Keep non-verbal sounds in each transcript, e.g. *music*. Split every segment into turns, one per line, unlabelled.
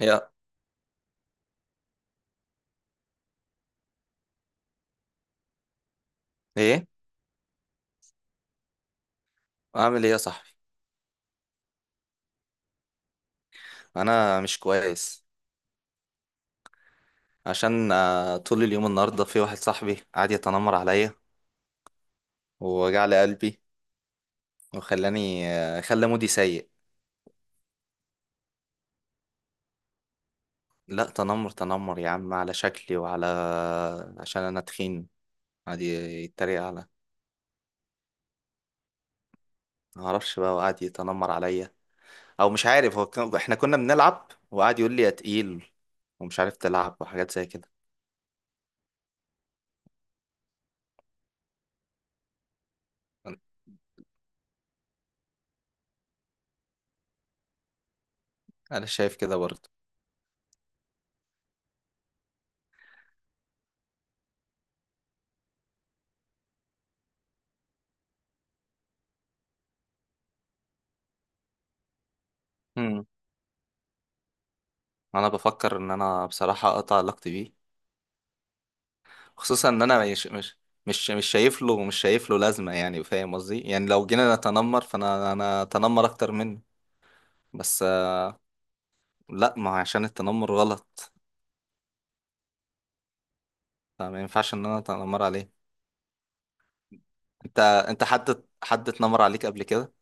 يا، ايه. اعمل ايه يا صاحبي؟ انا مش كويس. عشان طول اليوم النهارده في واحد صاحبي قعد يتنمر عليا ووجع لي قلبي، وخلاني آه، خلى مودي سيء. لا تنمر تنمر يا عم على شكلي وعلى، عشان انا تخين، قعد يتريق على. ما اعرفش بقى، وقعد يتنمر عليا. او مش عارف هو احنا كنا بنلعب وقعد يقول لي يا تقيل ومش عارف تلعب وحاجات زي كده. انا شايف كده برضه. مم. انا بفكر ان انا بصراحة اقطع علاقتي بيه، خصوصا ان انا مش شايف له لازمه. يعني فاهم قصدي، يعني لو جينا نتنمر فانا اتنمر اكتر منه. بس آه، لا، ما هو عشان التنمر غلط. فما ينفعش ان انا اتنمر عليه. انت حد اتنمر عليك قبل كده؟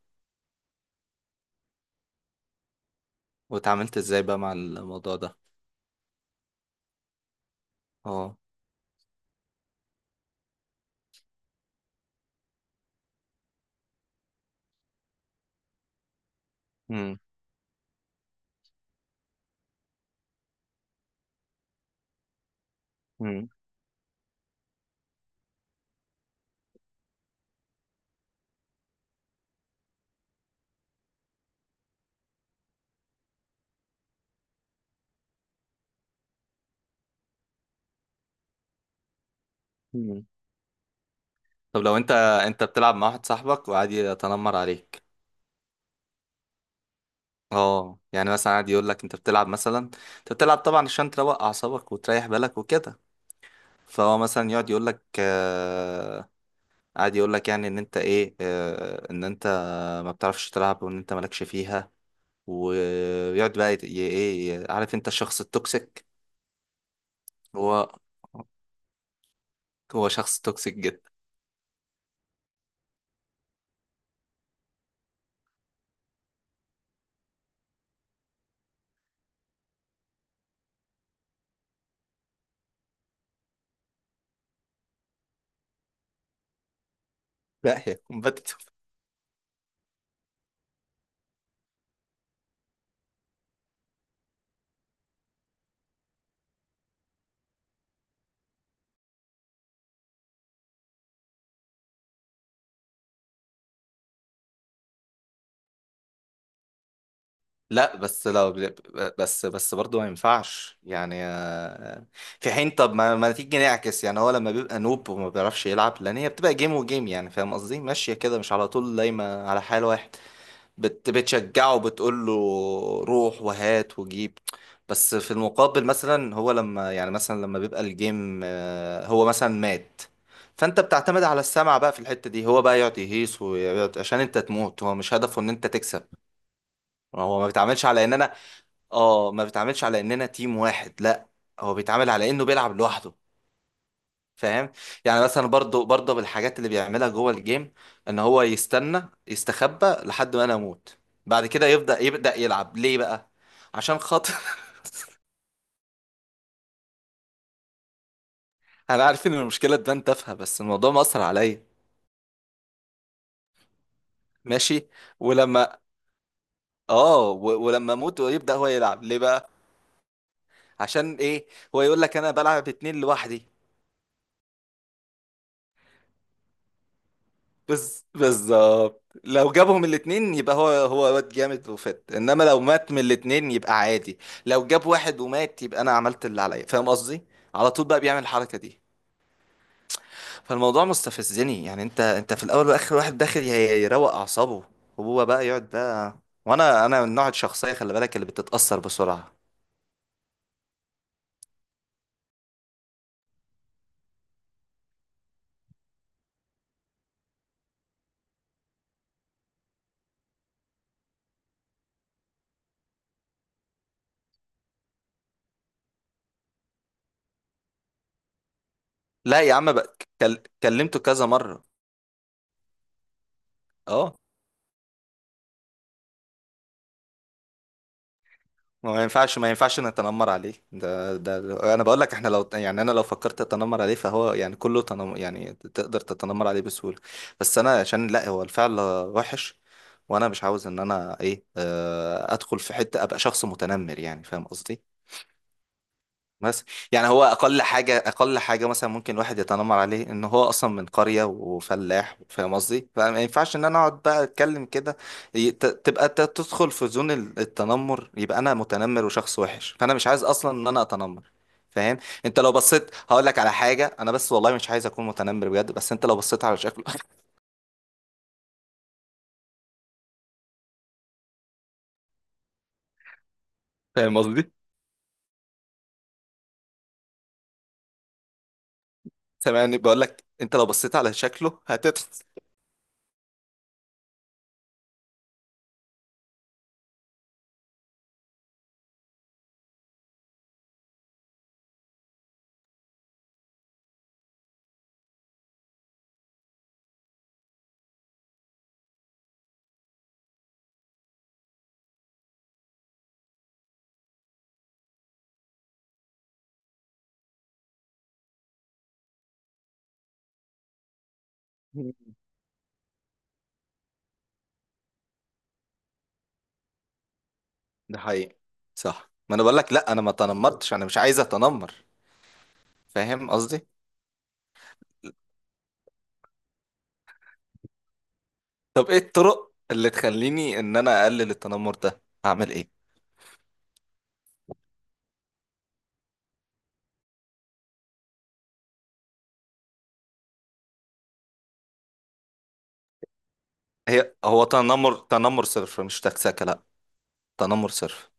واتعاملت ازاي بقى مع الموضوع ده؟ اه. امم. امم. امم. طب لو انت بتلعب مع واحد صاحبك وقعد يتنمر عليك. اه يعني مثلا قاعد يقول لك انت بتلعب مثلا، انت بتلعب طبعا عشان تروق اعصابك وتريح بالك وكده. فهو مثلا يقعد يقول لك قاعد يقول لك يعني ان انت ما بتعرفش تلعب، وان انت مالكش فيها. ويقعد بقى ايه، عارف انت الشخص التوكسيك. هو هو شخص توكسيك جدا. *laughs* لا، هي كومبتيتيف. لا بس لو، بس برضه ما ينفعش يعني في حين. طب ما تيجي نعكس، يعني هو لما بيبقى نوب وما بيعرفش يلعب لان هي بتبقى جيم، وجيم يعني فاهم قصدي ماشية كده، مش على طول دايما على حال واحد. بتشجعه، بتقول له روح وهات وجيب. بس في المقابل مثلا، هو لما يعني مثلا لما بيبقى الجيم هو مثلا مات، فانت بتعتمد على السمع بقى في الحتة دي. هو بقى يقعد يهيص ويقعد عشان انت تموت، هو مش هدفه ان انت تكسب. هو ما بيتعاملش على اننا، اه، ما بيتعاملش على اننا تيم واحد، لا. هو بيتعامل على انه بيلعب لوحده. فاهم. يعني مثلا برضو برضو بالحاجات اللي بيعملها جوه الجيم، ان هو يستنى يستخبى لحد ما انا اموت، بعد كده يبدأ يلعب ليه بقى عشان خاطر. *laughs* انا عارف ان المشكلة تبان تافهة، بس الموضوع مأثر عليا. ماشي. ولما ولما اموت ويبدأ هو يلعب ليه بقى؟ عشان ايه؟ هو يقول لك انا بلعب اتنين لوحدي. بالظبط، لو جابهم الاتنين يبقى هو هو واد جامد وفت. انما لو مات من الاتنين يبقى عادي. لو جاب واحد ومات، يبقى انا عملت اللي عليا، فاهم قصدي. على طول بقى بيعمل الحركة دي. فالموضوع مستفزني يعني، انت في الاول واخر واحد داخل يروق اعصابه، وهو بقى يقعد بقى. وانا من نوع الشخصية، خلي بالك، اللي بتتأثر بسرعة. لا يا عم بقى، كلمته كذا مرة. اه. ما ينفعش، ما ينفعش نتنمر عليه. ده انا بقول لك احنا، لو يعني انا لو فكرت اتنمر عليه فهو يعني كله يعني تقدر تتنمر عليه بسهوله. بس انا عشان لا، هو الفعل وحش، وانا مش عاوز ان انا ايه آه، ادخل في حته ابقى شخص متنمر، يعني فاهم قصدي. بس. يعني هو اقل حاجه اقل حاجه مثلا، ممكن الواحد يتنمر عليه ان هو اصلا من قريه وفلاح، فاهم قصدي، فما ينفعش ان انا اقعد بقى اتكلم كده. تبقى تدخل في زون التنمر، يبقى انا متنمر وشخص وحش، فانا مش عايز اصلا ان انا اتنمر. فاهم. انت لو بصيت هقول لك على حاجه، انا بس والله مش عايز اكون متنمر بجد، بس انت لو بصيت على شكله. *laughs* فاهم قصدي. سامعني؟ بقول لك انت لو بصيت على شكله *laughs* ده حقيقي. صح، ما انا بقول لك لا، انا ما تنمرتش، انا مش عايز اتنمر. فاهم قصدي. طب ايه الطرق اللي تخليني ان انا اقلل التنمر ده؟ هعمل ايه؟ هو تنمر تنمر صرف، مش تكسكه، لا. تنمر صرف.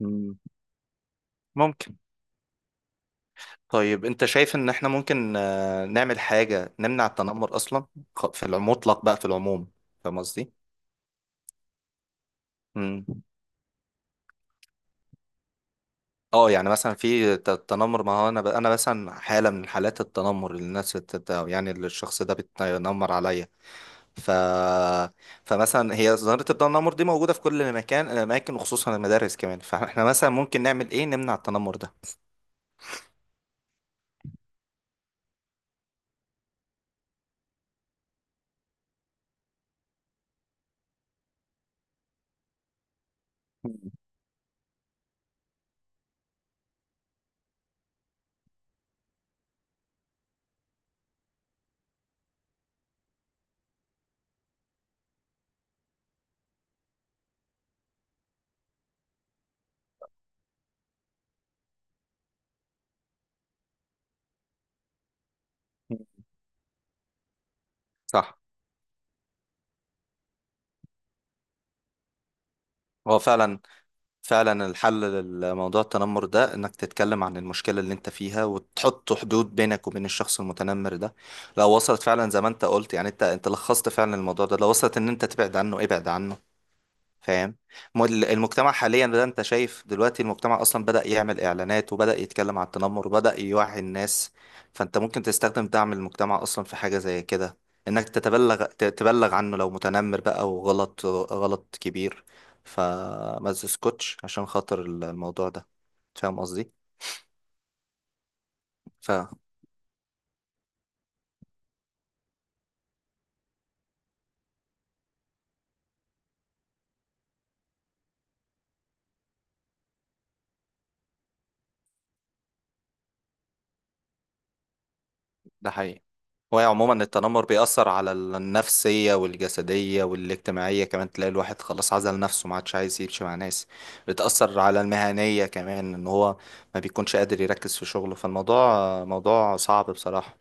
مم. ممكن. طيب انت شايف ان احنا ممكن نعمل حاجة نمنع التنمر اصلا، في المطلق بقى، في العموم، فاهم قصدي؟ مم. اه يعني مثلا في التنمر، ما هو انا انا مثلا حالة من حالات التنمر اللي الناس يعني اللي الشخص ده بيتنمر عليا. ف... فمثلا هي ظاهرة الضوء النمر دي موجودة في كل مكان الأماكن، وخصوصا المدارس كمان. فاحنا مثلا ممكن نعمل إيه نمنع التنمر ده؟ *laughs* صح. هو فعلا، فعلا الحل لموضوع التنمر ده انك تتكلم عن المشكلة اللي انت فيها وتحط حدود بينك وبين الشخص المتنمر ده. لو وصلت فعلا زي ما انت قلت، يعني انت لخصت فعلا الموضوع ده، لو وصلت ان انت تبعد عنه ابعد عنه. فاهم. المجتمع حاليا ده، انت شايف دلوقتي المجتمع اصلا بدأ يعمل اعلانات وبدأ يتكلم عن التنمر وبدأ يوعي الناس. فانت ممكن تستخدم دعم المجتمع اصلا في حاجة زي كده، انك تبلغ عنه لو متنمر بقى، وغلط غلط كبير. فما تسكتش عشان خاطر الموضوع ده، فاهم قصدي. ده حقيقي. هو عموما التنمر بيأثر على النفسية والجسدية والاجتماعية كمان، تلاقي الواحد خلاص عزل نفسه، ما عادش عايز يمشي مع ناس. بتأثر على المهنية كمان، ان هو ما بيكونش قادر يركز في شغله، فالموضوع موضوع صعب بصراحة.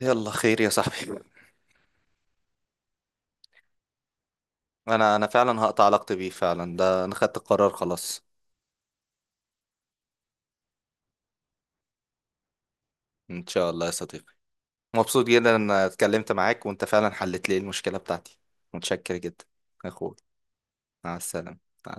يلا خير يا صاحبي. *laughs* انا فعلا هقطع علاقتي بيه فعلا، ده انا خدت القرار خلاص. ان شاء الله يا صديقي. مبسوط جدا ان اتكلمت معاك، وانت فعلا حلت لي المشكلة بتاعتي. متشكر جدا. يا اخوي. مع السلامة. مع